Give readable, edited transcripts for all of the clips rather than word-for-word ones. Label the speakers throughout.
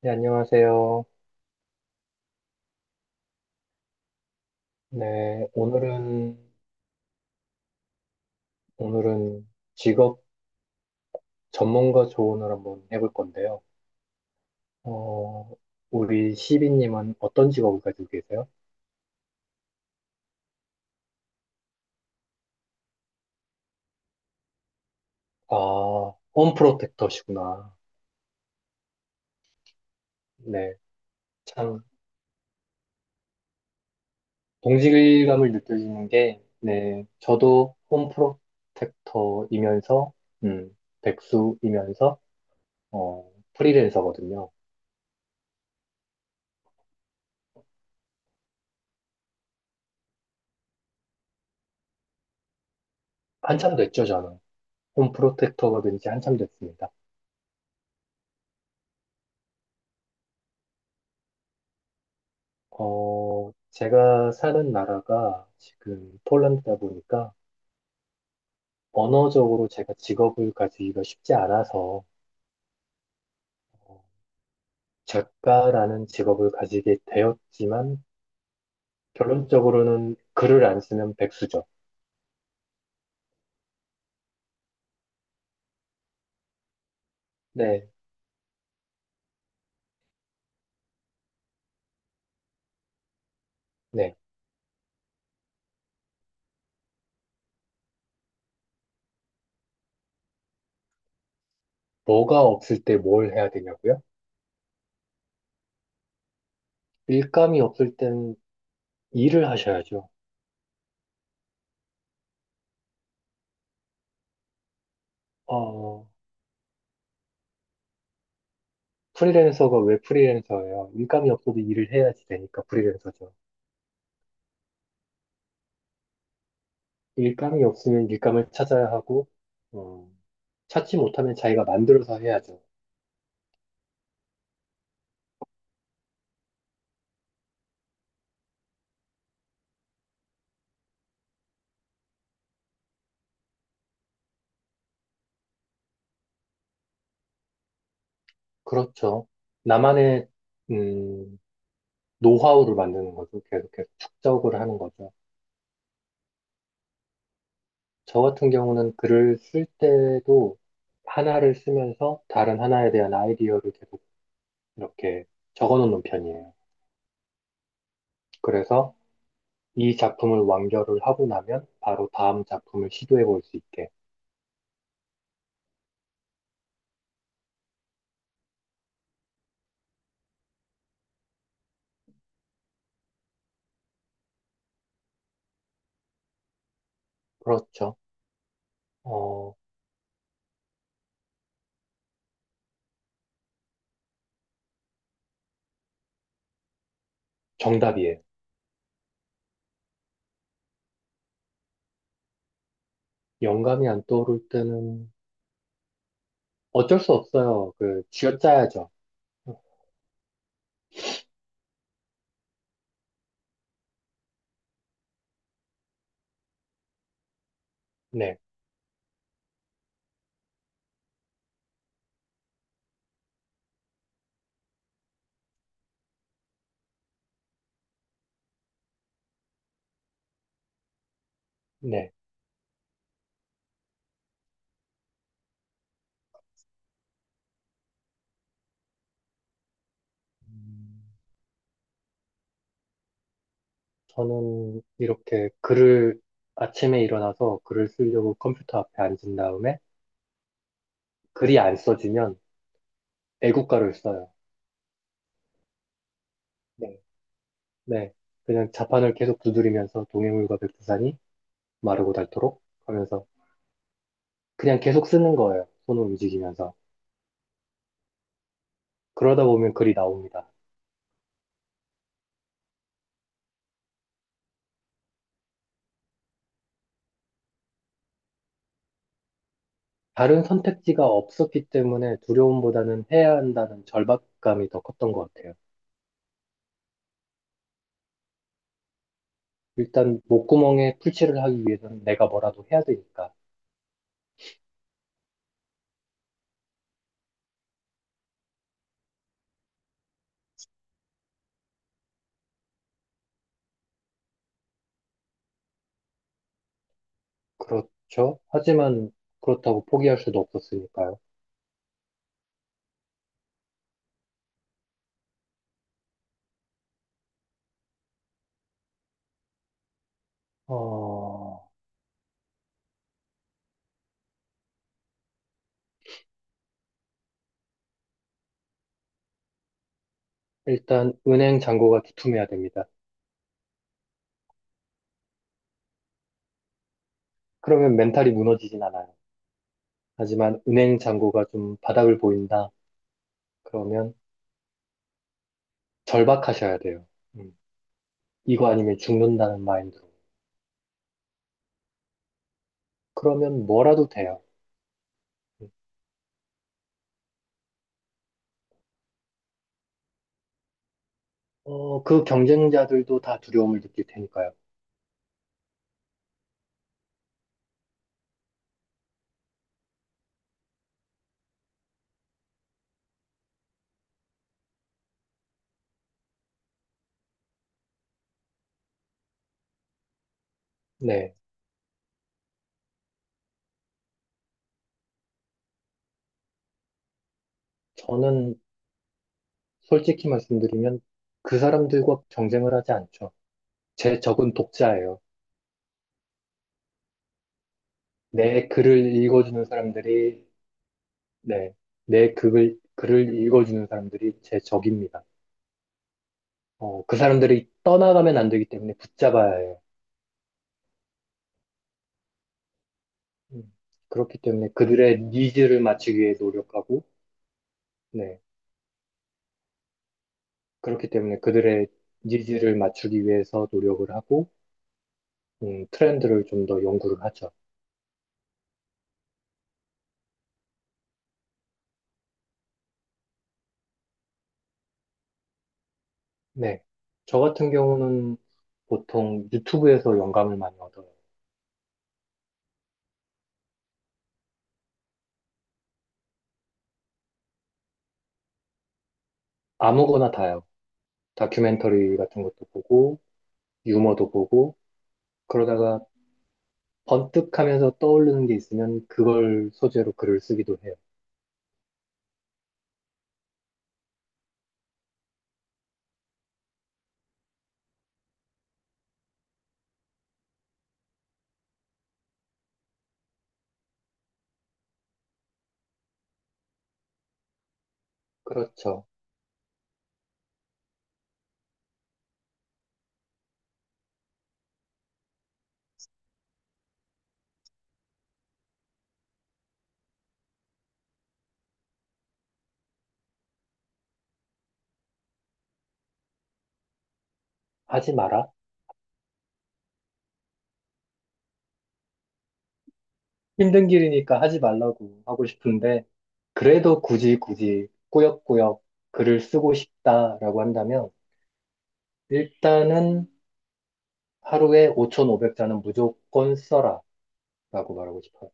Speaker 1: 네, 안녕하세요. 네, 오늘은 직업 전문가 조언을 한번 해볼 건데요. 어, 우리 시비님은 어떤 직업을 가지고 계세요? 아, 홈프로텍터시구나. 네, 참, 동질감을 느껴지는 게, 네, 저도 홈프로텍터이면서, 음, 백수이면서, 프리랜서거든요. 한참 됐죠, 저는. 홈프로텍터가 된 지 한참 됐습니다. 제가 사는 나라가 지금 폴란드다 보니까 언어적으로 제가 직업을 가지기가 쉽지 않아서 어, 작가라는 직업을 가지게 되었지만 결론적으로는 글을 안 쓰는 백수죠. 네, 네. 뭐가 없을 때 뭘 해야 되냐고요? 일감이 없을 땐 일을 하셔야죠. 어, 프리랜서가 왜 프리랜서예요? 일감이 없어도 일을 해야지 되니까 프리랜서죠. 일감이 없으면 일감을 찾아야 하고, 어, 찾지 못하면 자기가 만들어서 해야죠. 그렇죠. 나만의, 음, 노하우를 만드는 거죠. 계속 계속 축적을 하는 거죠. 저 같은 경우는 글을 쓸 때도 하나를 쓰면서 다른 하나에 대한 아이디어를 계속 이렇게 적어 놓는 편이에요. 그래서 이 작품을 완결을 하고 나면 바로 다음 작품을 시도해 볼 수 있게. 그렇죠. 어, 정답이에요. 영감이 안 떠오를 때는 어쩔 수 없어요. 그, 쥐어짜야죠. 네, 네. 저는 이렇게 글을 아침에 일어나서 글을 쓰려고 컴퓨터 앞에 앉은 다음에 글이 안 써지면 애국가를 써요. 네, 네. 그냥 자판을 계속 두드리면서 동해물과 백두산이 마르고 닳도록 하면서 그냥 계속 쓰는 거예요. 손을 움직이면서. 그러다 보면 글이 나옵니다. 다른 선택지가 없었기 때문에 두려움보다는 해야 한다는 절박감이 더 컸던 것 같아요. 일단 목구멍에 풀칠을 하기 위해서는 내가 뭐라도 해야 되니까. 그렇죠. 하지만 그렇다고 포기할 수도 없었으니까요. 어, 일단 은행 잔고가 두툼해야 됩니다. 그러면 멘탈이 무너지진 않아요. 하지만 은행 잔고가 좀 바닥을 보인다. 그러면 절박하셔야 돼요. 음, 이거 아니면 죽는다는 마인드로. 그러면 뭐라도 돼요. 음, 그 경쟁자들도 다 두려움을 느낄 테니까요. 네. 저는 솔직히 말씀드리면 그 사람들과 경쟁을 하지 않죠. 제 적은 독자예요. 내 글을 읽어주는 사람들이, 네, 내 글을 읽어주는 사람들이 제 적입니다. 그 사람들이 떠나가면 안 되기 때문에 붙잡아야 해요. 음, 그렇기 때문에 그들의 니즈를 맞추기 위해 노력하고, 네, 그렇기 때문에 그들의 니즈를 맞추기 위해서 노력을 하고, 트렌드를 좀 더 연구를 하죠. 네. 저 같은 경우는 보통 유튜브에서 영감을 많이 얻어요. 아무거나 다요. 다큐멘터리 같은 것도 보고, 유머도 보고, 그러다가 번뜩 하면서 떠오르는 게 있으면 그걸 소재로 글을 쓰기도 해요. 그렇죠. 하지 마라. 힘든 길이니까 하지 말라고 하고 싶은데, 그래도 굳이 굳이 꾸역꾸역 글을 쓰고 싶다라고 한다면, 일단은 하루에 5,500자는 무조건 써라라고 말하고 싶어요.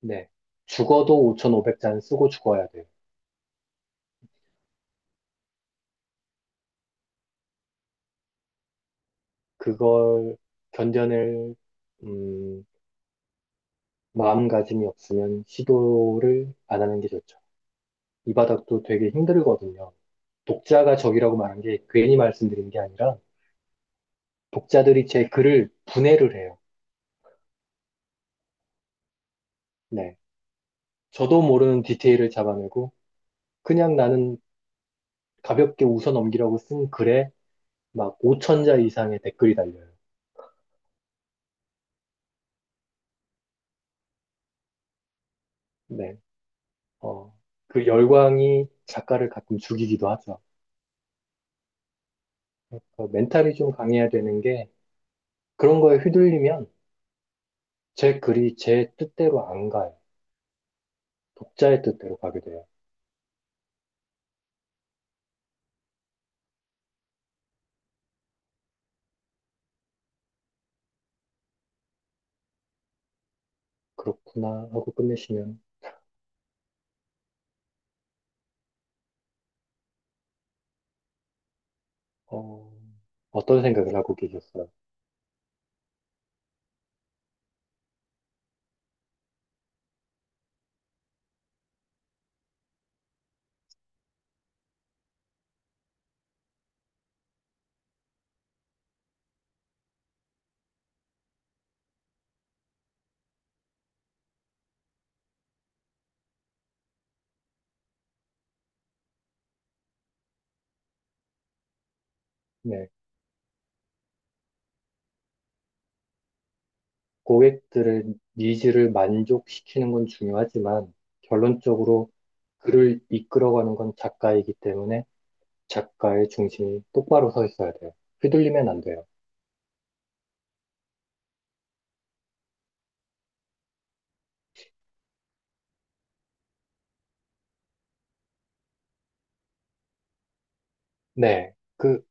Speaker 1: 네. 죽어도 5,500잔 쓰고 죽어야 돼요. 그걸 견뎌낼, 음, 마음가짐이 없으면 시도를 안 하는 게 좋죠. 이 바닥도 되게 힘들거든요. 독자가 적이라고 말한 게 괜히 말씀드린 게 아니라 독자들이 제 글을 분해를 해요. 네. 저도 모르는 디테일을 잡아내고 그냥 나는 가볍게 웃어넘기라고 쓴 글에 막 5천자 이상의 댓글이 달려요. 네. 어, 그 열광이 작가를 가끔 죽이기도 하죠. 그 멘탈이 좀 강해야 되는 게 그런 거에 휘둘리면 제 글이 제 뜻대로 안 가요. 독자의 뜻대로 가게 돼요. 그렇구나 하고 끝내시면 어, 어떤 생각을 하고 계셨어요? 네, 고객들의 니즈를 만족시키는 건 중요하지만 결론적으로 글을 이끌어가는 건 작가이기 때문에 작가의 중심이 똑바로 서 있어야 돼요. 휘둘리면 안 돼요. 네, 그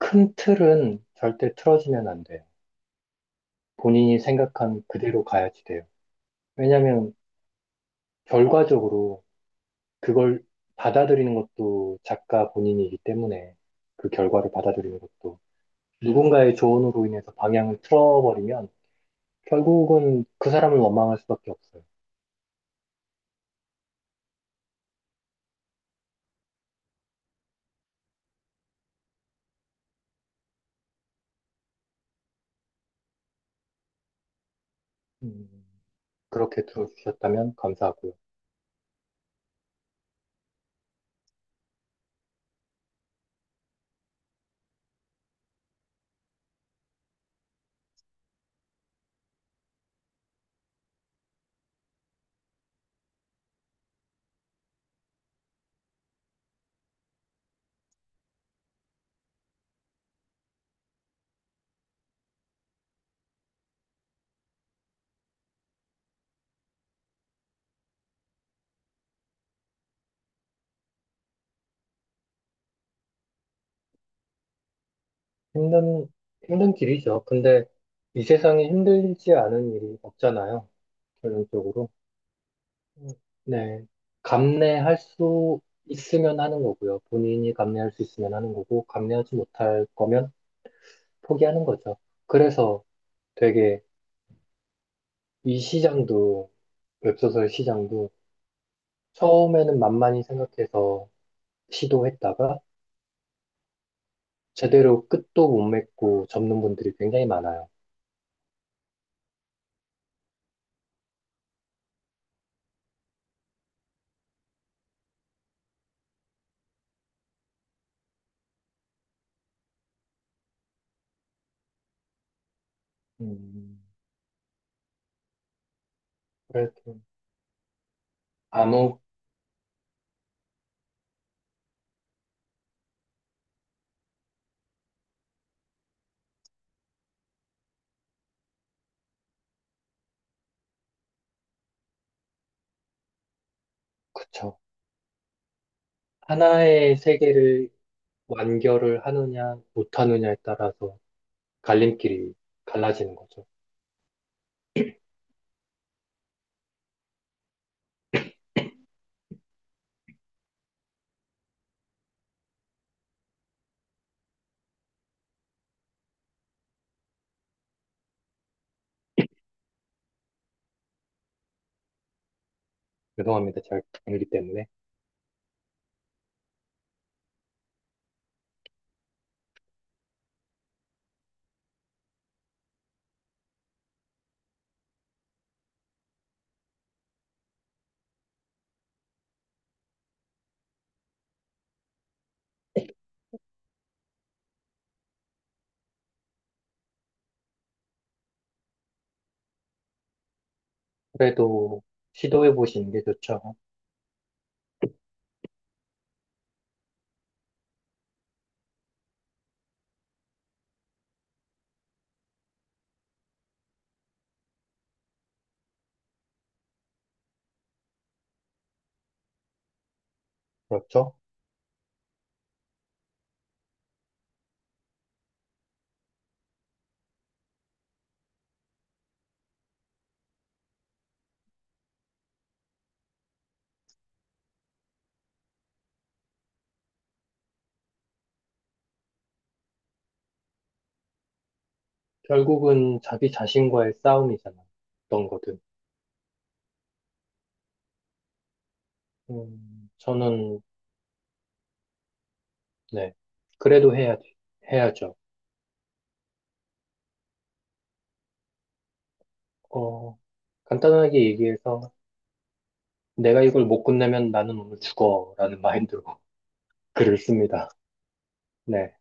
Speaker 1: 큰 틀은 절대 틀어지면 안 돼요. 본인이 생각한 그대로 가야지 돼요. 왜냐하면 결과적으로 그걸 받아들이는 것도 작가 본인이기 때문에 그 결과를 받아들이는 것도 누군가의 조언으로 인해서 방향을 틀어버리면 결국은 그 사람을 원망할 수밖에 없어요. 음, 그렇게 들어주셨다면 감사하고요. 힘든, 힘든 길이죠. 근데 이 세상에 힘들지 않은 일이 없잖아요. 결론적으로. 네. 감내할 수 있으면 하는 거고요. 본인이 감내할 수 있으면 하는 거고, 감내하지 못할 거면 포기하는 거죠. 그래서 되게 이 시장도, 웹소설 시장도 처음에는 만만히 생각해서 시도했다가 제대로 끝도 못 맺고 접는 분들이 굉장히 많아요. 음, 그래도 아무, 그쵸. 하나의 세계를 완결을 하느냐, 못하느냐에 따라서 갈림길이 갈라지는 거죠. 죄송합니다. 잘 모르기 때문에. 그래도 시도해 보시는 게 좋죠. 그렇죠? 결국은 자기 자신과의 싸움이잖아요. 어떤 거든. 저는, 네. 그래도 해야죠. 어, 간단하게 얘기해서 내가 이걸 못 끝내면 나는 오늘 죽어라는 마인드로 글을 씁니다. 네.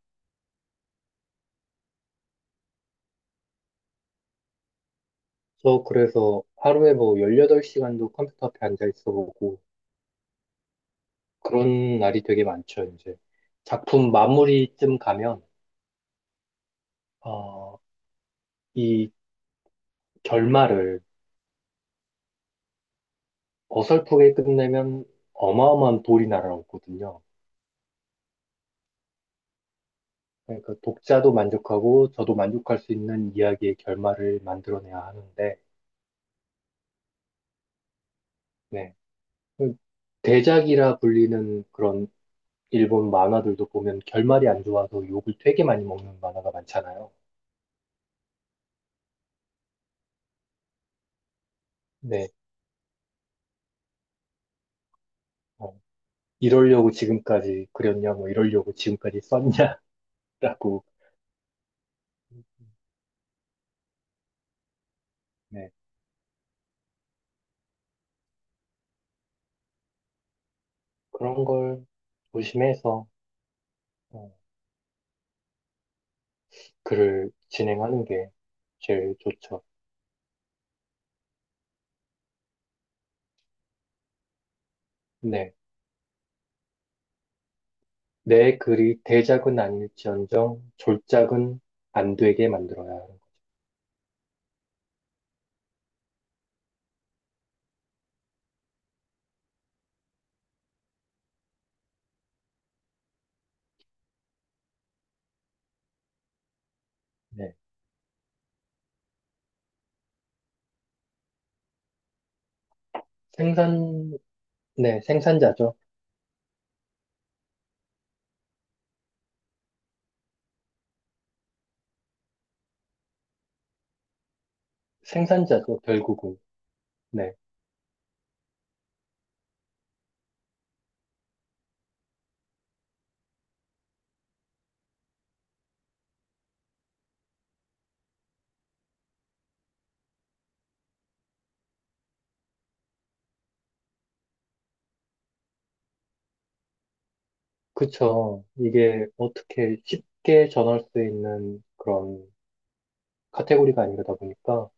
Speaker 1: 저 그래서 하루에 뭐 18시간도 컴퓨터 앞에 앉아 있어 보고 그런 날이 되게 많죠, 이제. 작품 마무리쯤 가면, 어, 이 결말을 어설프게 끝내면 어마어마한 돌이 날아오거든요. 그러니까 독자도 만족하고 저도 만족할 수 있는 이야기의 결말을 만들어내야 하는데, 네. 그 대작이라 불리는 그런 일본 만화들도 보면 결말이 안 좋아서 욕을 되게 많이 먹는 만화가 많잖아요. 네. 어, 이러려고 지금까지 그렸냐, 뭐 이러려고 지금까지 썼냐라고, 네. 그런 걸 조심해서 어, 글을 진행하는 게 제일 좋죠. 네. 내 글이 대작은 아닐지언정 졸작은 안 되게 만들어야 하는 거. 네. 생산, 네, 생산자죠. 생산자죠, 결국은. 네. 그쵸. 이게 어떻게 쉽게 전할 수 있는 그런 카테고리가 아니다 보니까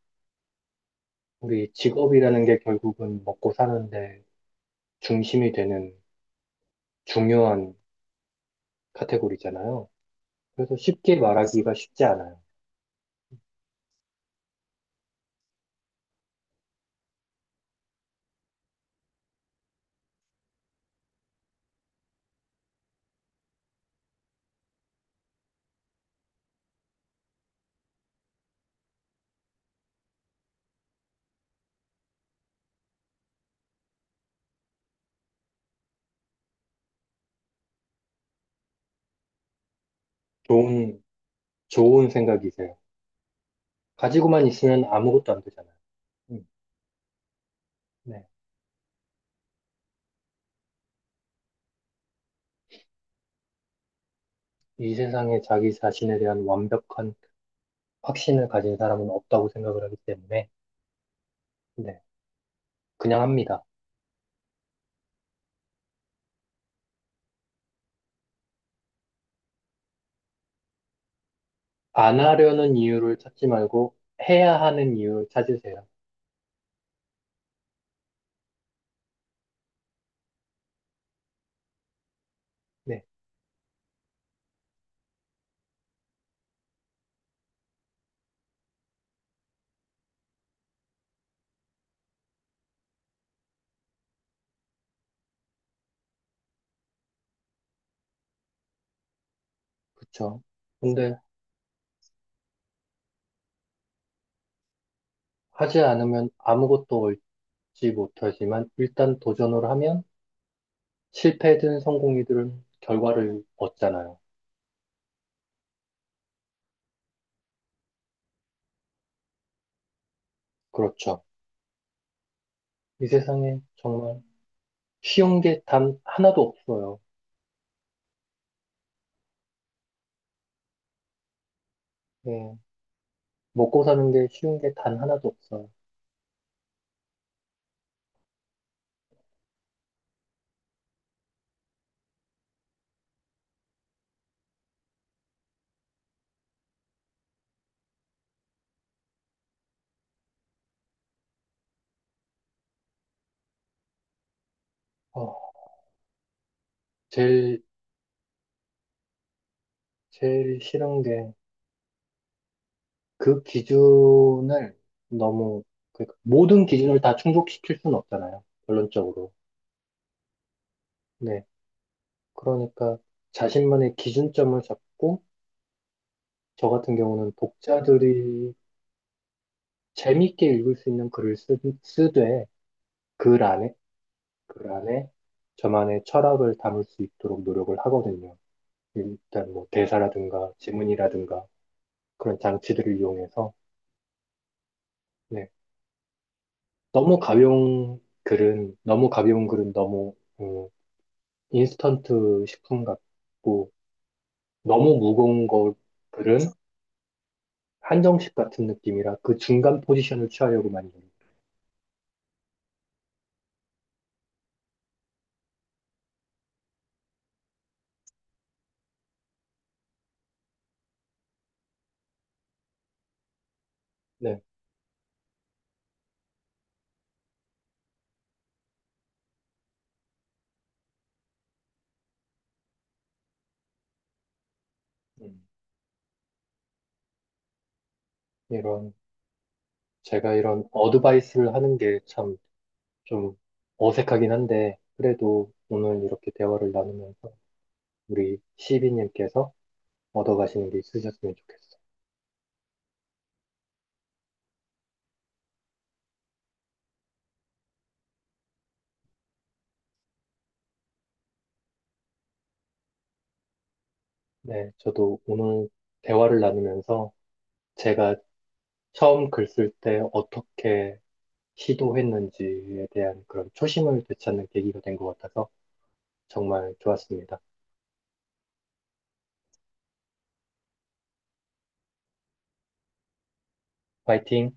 Speaker 1: 우리 직업이라는 게 결국은 먹고 사는데 중심이 되는 중요한 카테고리잖아요. 그래서 쉽게 말하기가 쉽지 않아요. 좋은, 좋은 생각이세요. 가지고만 있으면 아무것도 안 되잖아요. 네. 이 세상에 자기 자신에 대한 완벽한 확신을 가진 사람은 없다고 생각을 하기 때문에, 네. 그냥 합니다. 안 하려는 이유를 찾지 말고, 해야 하는 이유를 찾으세요. 네. 그쵸. 근데, 하지 않으면 아무것도 얻지 못하지만, 일단 도전을 하면, 실패든 성공이든 결과를 얻잖아요. 그렇죠. 이 세상에 정말 쉬운 게 단 하나도 없어요. 예. 먹고 사는 게 쉬운 게 단 하나도 없어요. 어, 제일 제일 싫은 게 그 기준을 너무 그러니까 모든 기준을 다 충족시킬 수는 없잖아요. 결론적으로. 네. 그러니까 자신만의 기준점을 잡고 저 같은 경우는 독자들이 재밌게 읽을 수 있는 글을 쓰되 글 안에 글 안에 저만의 철학을 담을 수 있도록 노력을 하거든요. 일단 뭐 대사라든가 지문이라든가 그런 장치들을 이용해서 네. 너무 가벼운 글은 너무, 음, 인스턴트 식품 같고, 너무 무거운 거 글은 한정식 같은 느낌이라 그 중간 포지션을 취하려고 많이 해요. 네. 음, 이런, 제가 이런 어드바이스를 하는 게 참 좀 어색하긴 한데, 그래도 오늘 이렇게 대화를 나누면서 우리 시비님께서 얻어가시는 게 있으셨으면 좋겠어요. 네. 저도 오늘 대화를 나누면서 제가 처음 글 쓸 때 어떻게 시도했는지에 대한 그런 초심을 되찾는 계기가 된 것 같아서 정말 좋았습니다. 파이팅!